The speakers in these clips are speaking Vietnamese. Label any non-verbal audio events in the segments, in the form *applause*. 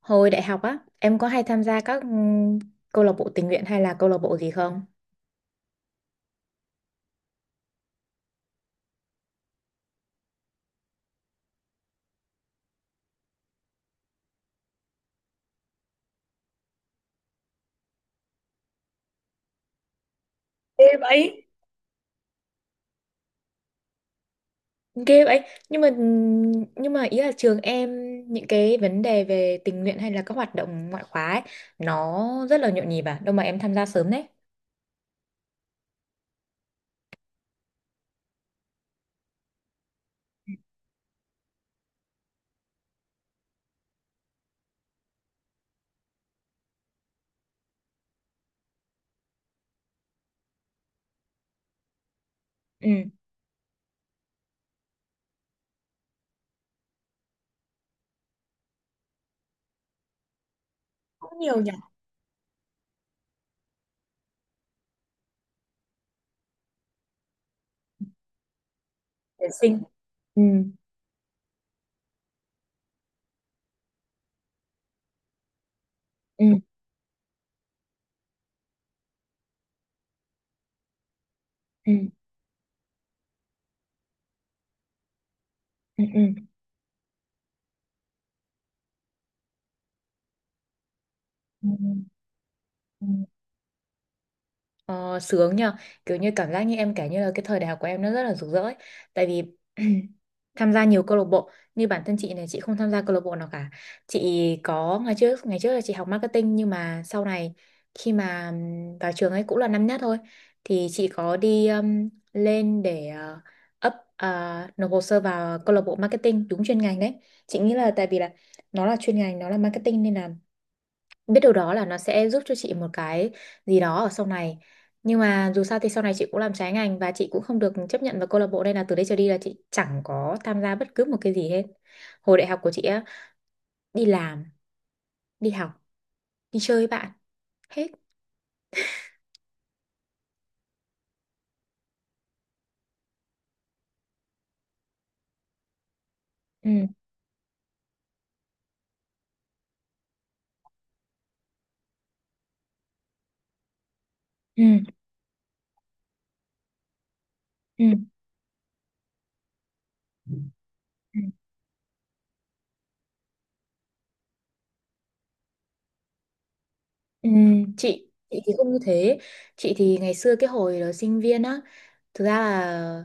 Hồi đại học á, em có hay tham gia các câu lạc bộ tình nguyện hay là câu lạc bộ gì không? Ê vậy. Ghê vậy. Nhưng mà ừ, nhưng mà ý là trường em, những cái vấn đề về tình nguyện hay là các hoạt động ngoại khóa ấy, nó rất là nhộn nhịp à, đâu mà em tham gia sớm đấy. Ừ. Cũng nhiều nhỉ. Tuyển sinh. Ừ. Ừ. Ừ. Ừ. Ừ. Ừ. Ờ, sướng nhờ, kiểu như cảm giác như em kể như là cái thời đại học của em nó rất là rực rỡ ấy. Tại vì *clears throat* tham gia nhiều câu lạc bộ, như bản thân chị này, chị không tham gia câu lạc bộ nào cả. Chị có, ngày trước, ngày trước là chị học marketing, nhưng mà sau này khi mà vào trường ấy cũng là năm nhất thôi, thì chị có đi, lên để up ờ, nộp hồ sơ vào câu lạc bộ marketing đúng chuyên ngành đấy. Chị nghĩ là tại vì là nó là chuyên ngành, nó là marketing nên là biết điều đó là nó sẽ giúp cho chị một cái gì đó ở sau này. Nhưng mà dù sao thì sau này chị cũng làm trái ngành, và chị cũng không được chấp nhận vào câu lạc bộ, nên là từ đây trở đi là chị chẳng có tham gia bất cứ một cái gì hết. Hồi đại học của chị á, đi làm, đi học, đi chơi với bạn, hết. Ừ. Ừ. Ừ. Ừ. Ừ, chị thì không như thế. Chị thì ngày xưa cái hồi đó sinh viên á, thực ra là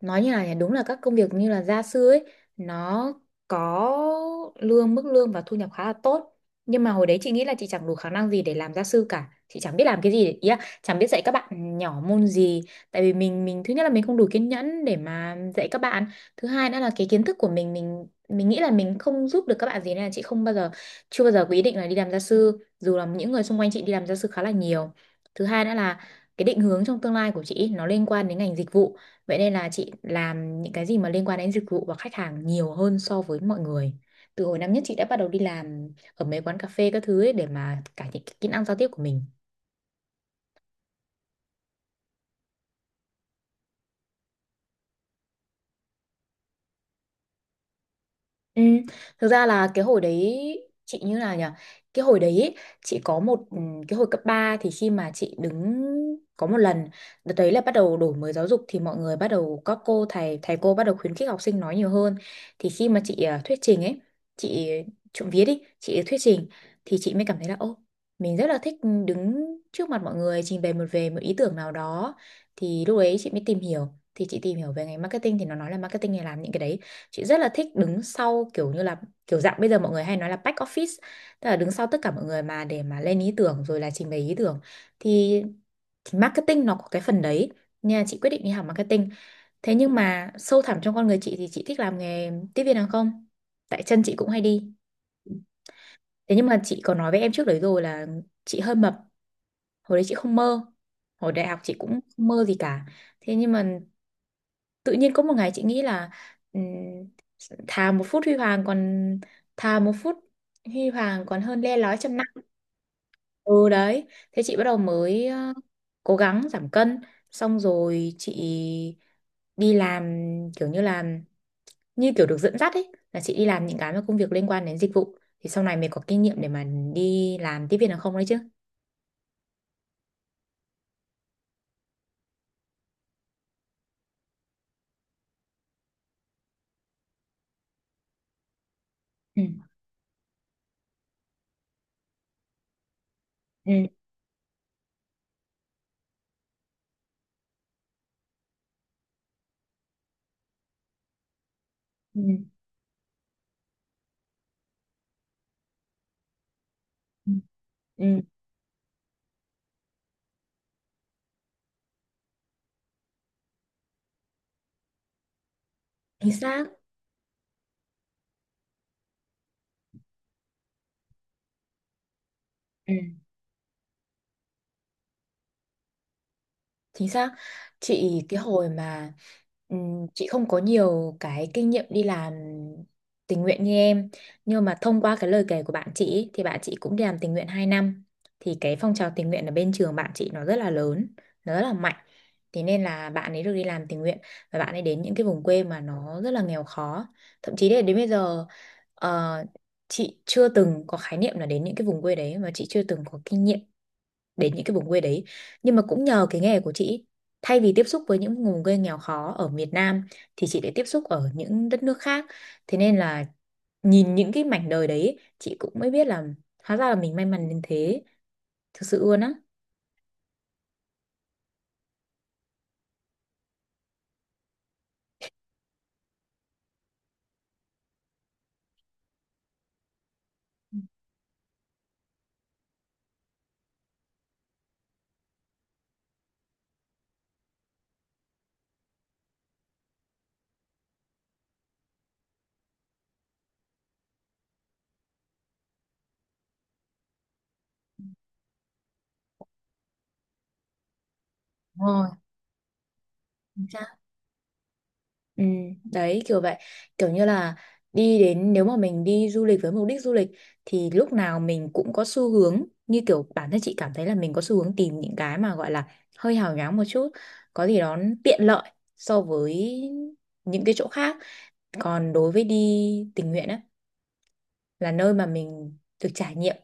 nói như là, đúng là các công việc như là gia sư ấy, nó có lương, mức lương và thu nhập khá là tốt. Nhưng mà hồi đấy chị nghĩ là chị chẳng đủ khả năng gì để làm gia sư cả, chị chẳng biết làm cái gì, ý là chẳng biết dạy các bạn nhỏ môn gì. Tại vì mình, thứ nhất là mình không đủ kiên nhẫn để mà dạy các bạn. Thứ hai nữa là cái kiến thức của mình, mình nghĩ là mình không giúp được các bạn gì, nên là chị không bao giờ, chưa bao giờ có ý định là đi làm gia sư, dù là những người xung quanh chị đi làm gia sư khá là nhiều. Thứ hai nữa là cái định hướng trong tương lai của chị ý, nó liên quan đến ngành dịch vụ, vậy nên là chị làm những cái gì mà liên quan đến dịch vụ và khách hàng nhiều hơn so với mọi người. Từ hồi năm nhất chị đã bắt đầu đi làm ở mấy quán cà phê các thứ ấy để mà cải thiện cái kỹ năng giao tiếp của mình. Ừ. Thực ra là cái hồi đấy chị như là nhỉ, cái hồi đấy ý, chị có một, cái hồi cấp 3 thì khi mà chị đứng, có một lần đợt đấy là bắt đầu đổi mới giáo dục thì mọi người bắt đầu, các cô thầy, thầy cô bắt đầu khuyến khích học sinh nói nhiều hơn, thì khi mà chị thuyết trình ấy, chị trộm vía đi chị thuyết trình, thì chị mới cảm thấy là ô, mình rất là thích đứng trước mặt mọi người trình bày một, về một ý tưởng nào đó. Thì lúc đấy chị mới tìm hiểu, thì chị tìm hiểu về ngành marketing thì nó nói là marketing này làm những cái đấy. Chị rất là thích đứng sau, kiểu như là kiểu dạng bây giờ mọi người hay nói là back office, tức là đứng sau tất cả mọi người mà để mà lên ý tưởng rồi là trình bày ý tưởng, thì, thì marketing nó có cái phần đấy, nên là chị quyết định đi học marketing. Thế nhưng mà sâu thẳm trong con người chị thì chị thích làm nghề tiếp viên hàng không, tại chân chị cũng hay đi. Thế nhưng mà chị có nói với em trước đấy rồi là chị hơi mập, hồi đấy chị không mơ, hồi đại học chị cũng không mơ gì cả. Thế nhưng mà tự nhiên có một ngày chị nghĩ là, ừm, thà một phút huy hoàng còn, thà một phút huy hoàng còn hơn le lói trăm năm. Ừ đấy, thế chị bắt đầu mới cố gắng giảm cân, xong rồi chị đi làm, kiểu như là, như kiểu được dẫn dắt ấy, là chị đi làm những cái mà công việc liên quan đến dịch vụ thì sau này mình có kinh nghiệm để mà đi làm tiếp viên hàng không đấy chứ. Ừ. Ừ. Ừ. Ừ. Ừ. Chính xác. Ừ. Chính xác. Chị cái hồi mà, chị không có nhiều cái kinh nghiệm đi làm tình nguyện như em, nhưng mà thông qua cái lời kể của bạn chị ý, thì bạn chị cũng đi làm tình nguyện 2 năm, thì cái phong trào tình nguyện ở bên trường bạn chị nó rất là lớn, nó rất là mạnh, thế nên là bạn ấy được đi làm tình nguyện, và bạn ấy đến những cái vùng quê mà nó rất là nghèo khó. Thậm chí là đến bây giờ, ờ, chị chưa từng có khái niệm là đến những cái vùng quê đấy, mà chị chưa từng có kinh nghiệm đến những cái vùng quê đấy. Nhưng mà cũng nhờ cái nghề của chị, thay vì tiếp xúc với những vùng quê nghèo khó ở miền Nam, thì chị lại tiếp xúc ở những đất nước khác. Thế nên là nhìn những cái mảnh đời đấy chị cũng mới biết là, hóa ra là mình may mắn đến thế, thực sự luôn á. Đúng rồi. Chính xác. Ừ, đấy kiểu vậy, kiểu như là đi đến, nếu mà mình đi du lịch với mục đích du lịch, thì lúc nào mình cũng có xu hướng, như kiểu bản thân chị cảm thấy là mình có xu hướng tìm những cái mà gọi là hơi hào nhoáng một chút, có gì đó tiện lợi so với những cái chỗ khác. Còn đối với đi tình nguyện á, là nơi mà mình được trải nghiệm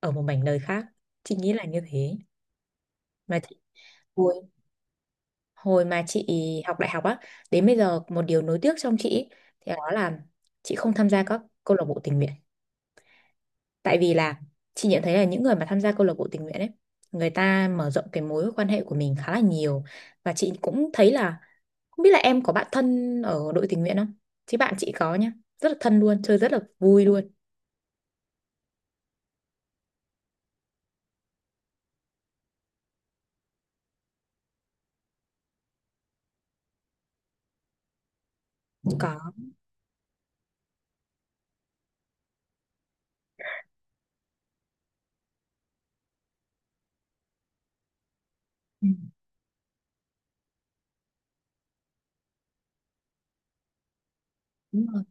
ở một mảnh đời khác, chị nghĩ là như thế. Mà chị hồi mà chị học đại học á, đến bây giờ một điều nối tiếc trong chị ý, thì đó là chị không tham gia các câu lạc bộ tình nguyện. Tại vì là chị nhận thấy là những người mà tham gia câu lạc bộ tình nguyện ấy, người ta mở rộng cái mối quan hệ của mình khá là nhiều. Và chị cũng thấy là, không biết là em có bạn thân ở đội tình nguyện không, chứ bạn chị có nhá, rất là thân luôn, chơi rất là vui luôn. Có. Ừ, đúng rồi.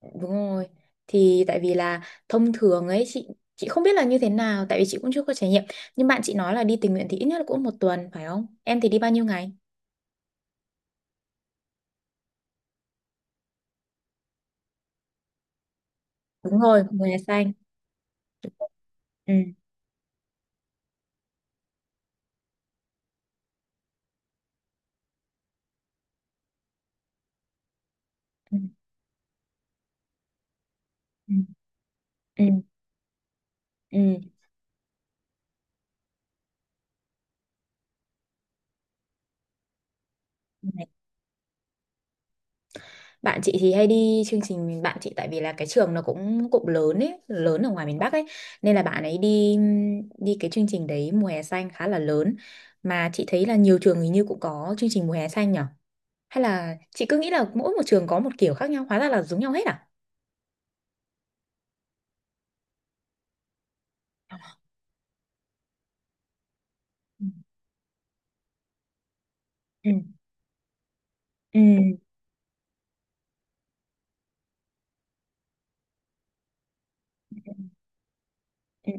Đúng rồi. Thì tại vì là thông thường ấy chị, không biết là như thế nào tại vì chị cũng chưa có trải nghiệm. Nhưng bạn chị nói là đi tình nguyện thì ít nhất là cũng một tuần phải không? Em thì đi bao nhiêu ngày? Đúng rồi, mùa hè xanh. Đúng rồi. Ừ. Ừ. Ừ. Ừ. Ừ. Này, bạn chị thì hay đi chương trình, bạn chị tại vì là cái trường nó cũng, cũng lớn ấy, lớn ở ngoài miền Bắc ấy, nên là bạn ấy đi, đi cái chương trình đấy mùa hè xanh khá là lớn. Mà chị thấy là nhiều trường hình như cũng có chương trình mùa hè xanh nhỉ? Hay là chị cứ nghĩ là mỗi một trường có một kiểu khác nhau, hóa ra là giống nhau hết à? Ừ. Ừ, ừ, ừ,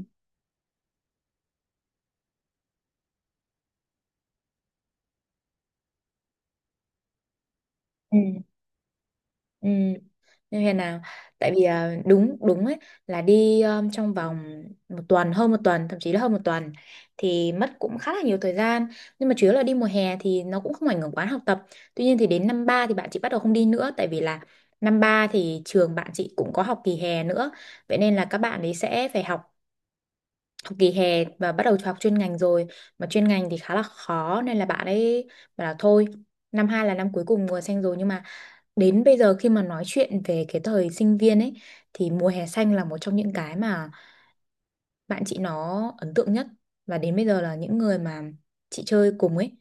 ừ, ừ. Như thế nào? Tại vì à, đúng đúng ấy, là đi trong vòng một tuần, hơn một tuần, thậm chí là hơn một tuần thì mất cũng khá là nhiều thời gian. Nhưng mà chủ yếu là đi mùa hè thì nó cũng không ảnh hưởng quá học tập. Tuy nhiên thì đến năm ba thì bạn chị bắt đầu không đi nữa, tại vì là năm ba thì trường bạn chị cũng có học kỳ hè nữa, vậy nên là các bạn ấy sẽ phải học học kỳ hè và bắt đầu học chuyên ngành rồi. Mà chuyên ngành thì khá là khó nên là bạn ấy bảo là thôi, năm hai là năm cuối cùng mùa xanh rồi. Nhưng mà đến bây giờ khi mà nói chuyện về cái thời sinh viên ấy, thì mùa hè xanh là một trong những cái mà bạn chị nó ấn tượng nhất. Và đến bây giờ là những người mà chị chơi cùng ấy,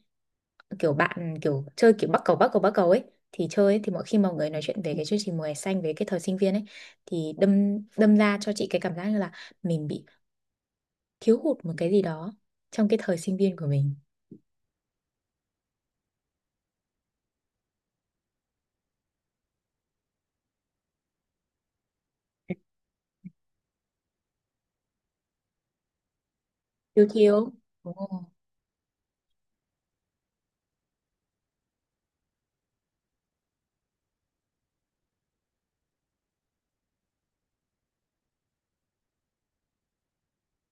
kiểu bạn, kiểu chơi kiểu bắc cầu, bắc cầu ấy thì chơi ấy, thì mỗi khi mọi người nói chuyện về cái chương trình mùa hè xanh, về cái thời sinh viên ấy, thì đâm đâm ra cho chị cái cảm giác như là mình bị thiếu hụt một cái gì đó trong cái thời sinh viên của mình. Thiếu, thiếu. Ồ,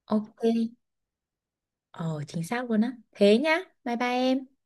ok. Ờ, chính xác luôn á, thế nhá, bye bye em.